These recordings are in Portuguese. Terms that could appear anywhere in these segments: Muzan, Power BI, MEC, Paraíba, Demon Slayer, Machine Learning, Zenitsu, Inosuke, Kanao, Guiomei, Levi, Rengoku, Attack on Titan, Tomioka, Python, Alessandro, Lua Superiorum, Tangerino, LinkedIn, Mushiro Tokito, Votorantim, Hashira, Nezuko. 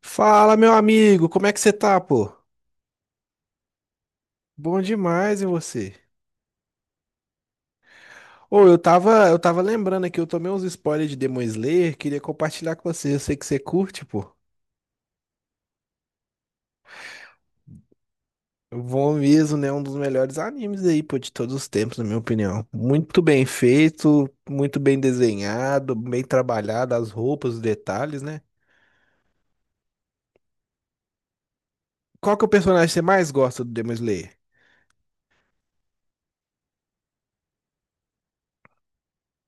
Fala, meu amigo, como é que você tá, pô? Bom demais, e você? Ô, eu tava lembrando aqui, eu tomei uns spoilers de Demon Slayer, queria compartilhar com você, eu sei que você curte, pô. Bom mesmo, né? Um dos melhores animes aí, pô, de todos os tempos, na minha opinião. Muito bem feito, muito bem desenhado, bem trabalhado, as roupas, os detalhes, né? Qual que é o personagem que você mais gosta do Demon Slayer?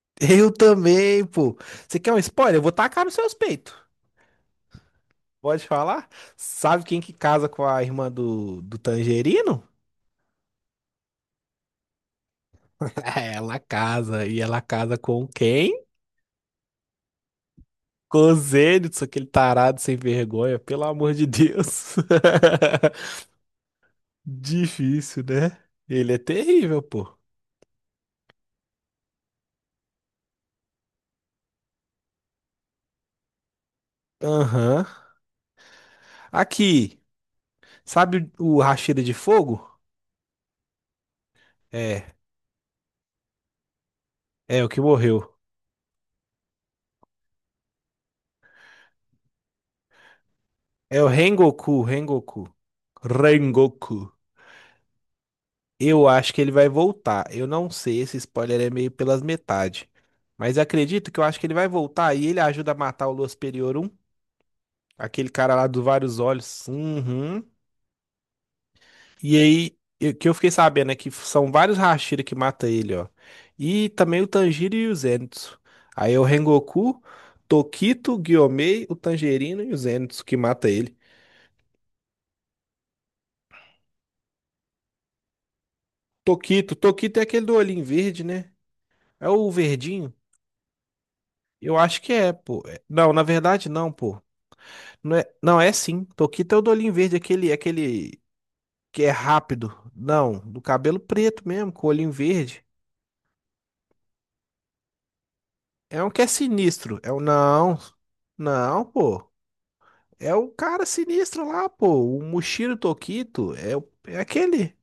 Eu também, pô. Você quer um spoiler? Eu vou tacar nos seus peitos. Pode falar? Sabe quem que casa com a irmã do Tangerino? Ela casa. E ela casa com quem? Com o Zenitsu, aquele tarado sem vergonha, pelo amor de Deus. Difícil, né? Ele é terrível, pô. Aham. Aqui, sabe o Hashira de Fogo? É, é o que morreu. É o Rengoku, Rengoku. Rengoku. Eu acho que ele vai voltar. Eu não sei, esse spoiler é meio pelas metades. Mas acredito que eu acho que ele vai voltar e ele ajuda a matar o Lua Superiorum, aquele cara lá dos vários olhos. Uhum. E aí, que eu fiquei sabendo é que são vários Hashira que mata ele, ó. E também o Tanjiro e o Zenitsu. Aí é o Rengoku, Tokito, Gyomei, o Tangerino e o Zenitsu que mata ele. Tokito, Tokito é aquele do olhinho verde, né? É o verdinho? Eu acho que é, pô. Não, na verdade não, pô. Não é, não, é sim. Toquita é o do olhinho verde, aquele, que é rápido. Não, do cabelo preto mesmo, com o olhinho verde. É um que é sinistro. É o não. Não, pô. É o cara sinistro lá, pô. O Mushiro Tokito é, é aquele.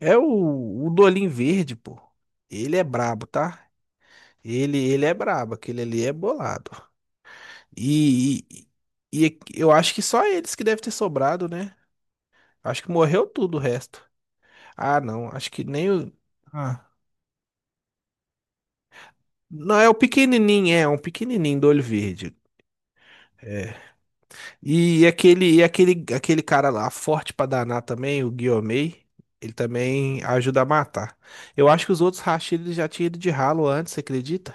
É o do olhinho verde, pô. Ele é brabo, tá? Ele é brabo, aquele ali é bolado. E, e eu acho que só eles que devem ter sobrado, né? Acho que morreu tudo o resto. Ah, não. Acho que nem o. Ah. Não, é o pequenininho, é um pequenininho do olho verde. É. E aquele cara lá, forte pra danar também, o Guiomei, ele também ajuda a matar. Eu acho que os outros Rashid já tinham ido de ralo antes, você acredita?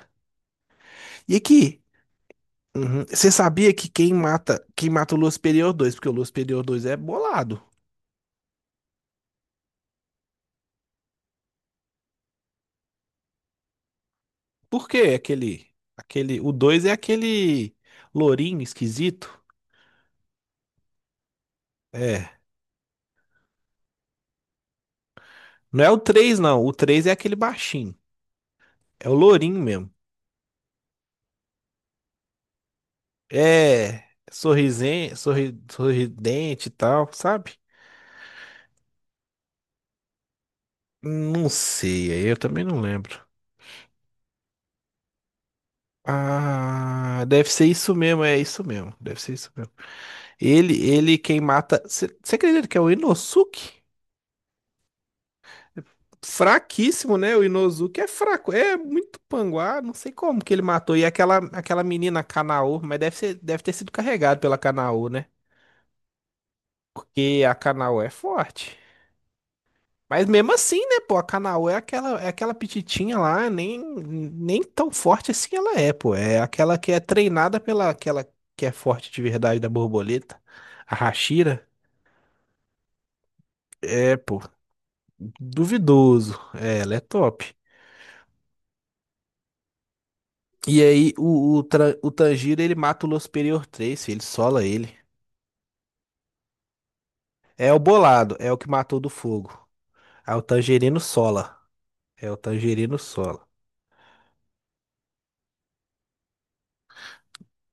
E aqui, uhum, você sabia que quem mata o Lua Superior dois. Porque o Lua Superior 2 é bolado. Por quê? Aquele, o 2 é aquele lourinho esquisito. É. Não é o 3 não. O 3 é aquele baixinho. É o lourinho mesmo. É sorrisen, sorri, sorridente e tal, sabe? Não sei, aí eu também não lembro. Ah, deve ser isso mesmo, é isso mesmo. Deve ser isso mesmo. Ele quem mata. Você acredita que é o Inosuke? Fraquíssimo, né? O Inosuke é fraco, é muito panguá, não sei como que ele matou. E aquela, menina Kanao, mas deve ser, deve ter sido carregado pela Kanao, né? Porque a Kanao é forte. Mas mesmo assim, né, pô, a Kanaô é aquela, pititinha lá, nem tão forte assim ela é, pô. É aquela que é treinada pela aquela que é forte de verdade da borboleta, a Hashira. É, pô, duvidoso. É, ela é top. E aí o, o Tanjiro, ele mata o Losperior 3, filho, ele sola ele. É o bolado, é o que matou do fogo. Aí o Tangerino sola. É o Tangerino sola.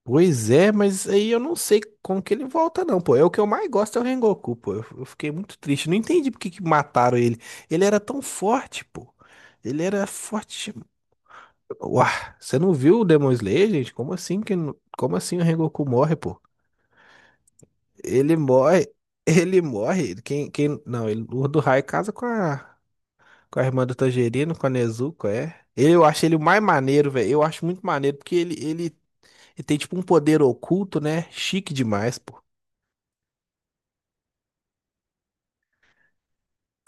Pois é, mas aí eu não sei como que ele volta, não, pô. É o que eu mais gosto é o Rengoku, pô. Eu fiquei muito triste. Não entendi por que que mataram ele. Ele era tão forte, pô. Ele era forte. Uau, você não viu o Demon Slayer, gente? Como assim que não- como assim o Rengoku morre, pô? Ele morre. Ele morre. Quem não, ele, o do Rai casa com a irmã do Tangerino, com a Nezuko, é. Eu acho ele o mais maneiro, velho. Eu acho muito maneiro porque ele tem tipo um poder oculto, né? Chique demais, pô.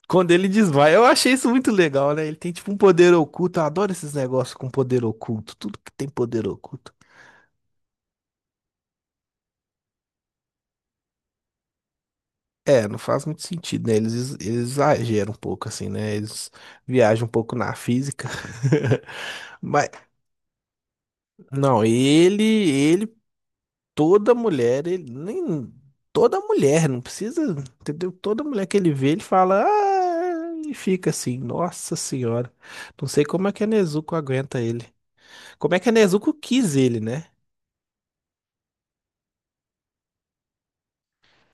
Quando ele desmaia, eu achei isso muito legal, né? Ele tem tipo um poder oculto. Eu adoro esses negócios com poder oculto. Tudo que tem poder oculto. É, não faz muito sentido, né? Eles exageram um pouco, assim, né? Eles viajam um pouco na física. Mas, não, toda mulher, ele, nem, toda mulher, não precisa, entendeu? Toda mulher que ele vê, ele fala, ah, e fica assim, nossa senhora. Não sei como é que a Nezuko aguenta ele. Como é que a Nezuko quis ele, né?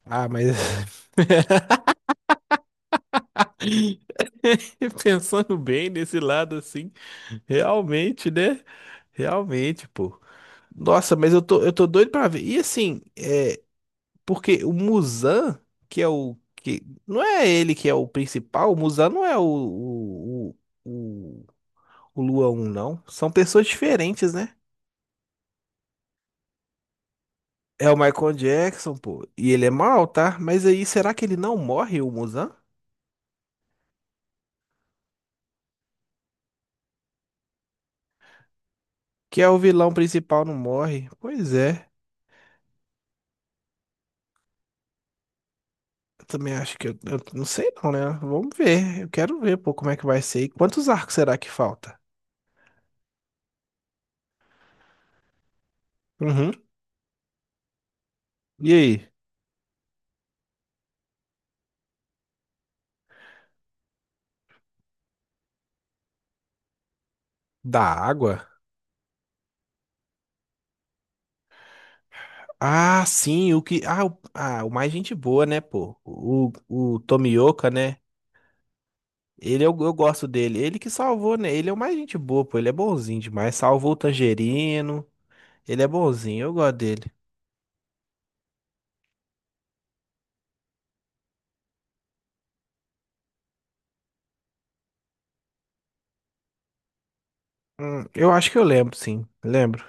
Ah, mas pensando bem nesse lado assim, realmente, né? Realmente, pô. Nossa, mas eu tô doido pra ver. E assim, é, porque o Muzan, que é o que não é ele que é o principal, o Muzan não é o o Lua um não. São pessoas diferentes, né? É o Michael Jackson, pô. E ele é mal, tá? Mas aí, será que ele não morre, o Muzan? Que é o vilão principal, não morre? Pois é. Eu também acho que eu não sei não, né? Vamos ver. Eu quero ver, pô, como é que vai ser. E quantos arcos será que falta? Uhum. E aí? Da água? Ah, sim, o que. Ah, o, ah, o mais gente boa, né, pô? O Tomioka, né? Ele eu gosto dele. Ele que salvou, né? Ele é o mais gente boa, pô. Ele é bonzinho demais. Salvou o Tangerino. Ele é bonzinho, eu gosto dele. Eu acho que eu lembro, sim. Lembro.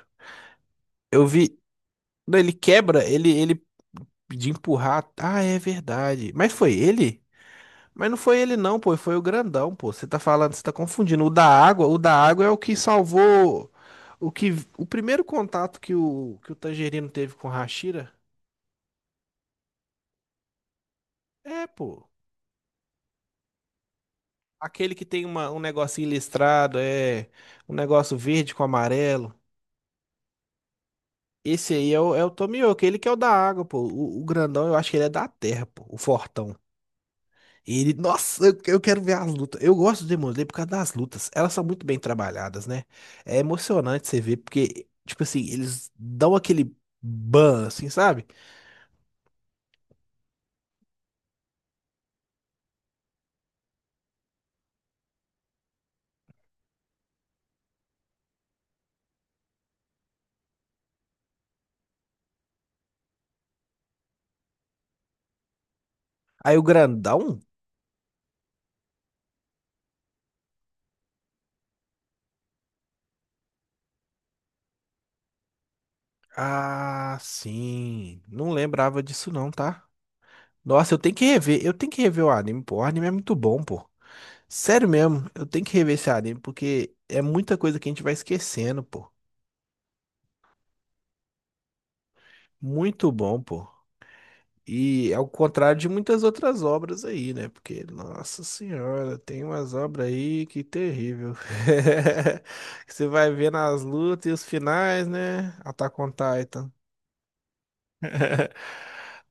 Eu vi. Não, ele quebra, ele de empurrar. Ah, é verdade. Mas foi ele? Mas não foi ele não, pô, foi o grandão, pô. Você tá falando, você tá confundindo. O da água é o que salvou o que o primeiro contato que o Tangerino teve com o Hashira. É, pô. Aquele que tem uma, um negocinho listrado, é um negócio verde com amarelo. Esse aí é o, Tomioka, ele que é o da água, pô. O grandão, eu acho que ele é da terra, pô, o fortão. Ele, nossa, eu quero ver as lutas. Eu gosto do Demon Slayer por causa das lutas. Elas são muito bem trabalhadas, né? É emocionante você ver, porque, tipo assim, eles dão aquele ban, assim, sabe? Aí o grandão. Ah, sim. Não lembrava disso, não, tá? Nossa, eu tenho que rever. Eu tenho que rever o anime, pô. O anime é muito bom, pô. Sério mesmo, eu tenho que rever esse anime, porque é muita coisa que a gente vai esquecendo, pô. Muito bom, pô. E ao contrário de muitas outras obras aí, né? Porque, nossa senhora, tem umas obras aí que terrível. Você vai ver nas lutas e os finais, né? Attack on Titan.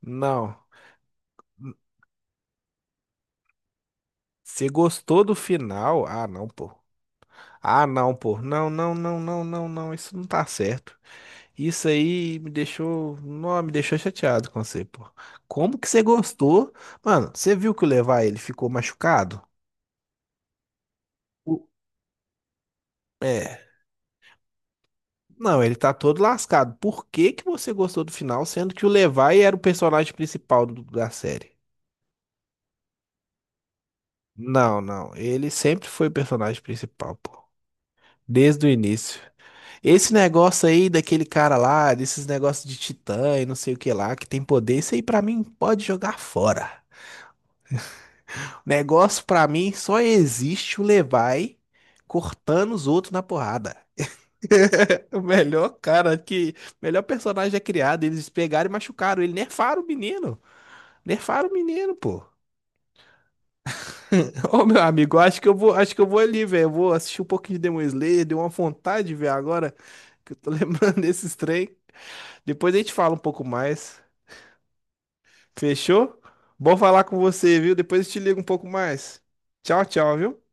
Não. Você gostou do final? Ah, não, pô. Ah, não, pô. Não, não, não, não, não, não. Isso não tá certo. Isso aí me deixou. Não, me deixou chateado com você, pô. Como que você gostou? Mano, você viu que o Levi ele ficou machucado? O- É. Não, ele tá todo lascado. Por que que você gostou do final, sendo que o Levi era o personagem principal da série? Não, não. Ele sempre foi o personagem principal, pô. Desde o início. Esse negócio aí daquele cara lá, desses negócios de titã e não sei o que lá, que tem poder, isso aí pra mim pode jogar fora. O negócio pra mim só existe o Levi cortando os outros na porrada. O melhor cara que, melhor personagem é criado, eles pegaram e machucaram ele, nerfaram o menino. Nerfaram o menino, pô. Ô, meu amigo, eu acho que acho que eu vou ali, velho. Eu vou assistir um pouquinho de Demon Slayer, deu uma vontade de ver agora, que eu tô lembrando desses trem. Depois a gente fala um pouco mais. Fechou? Bom falar com você, viu? Depois eu te ligo um pouco mais. Tchau, tchau, viu?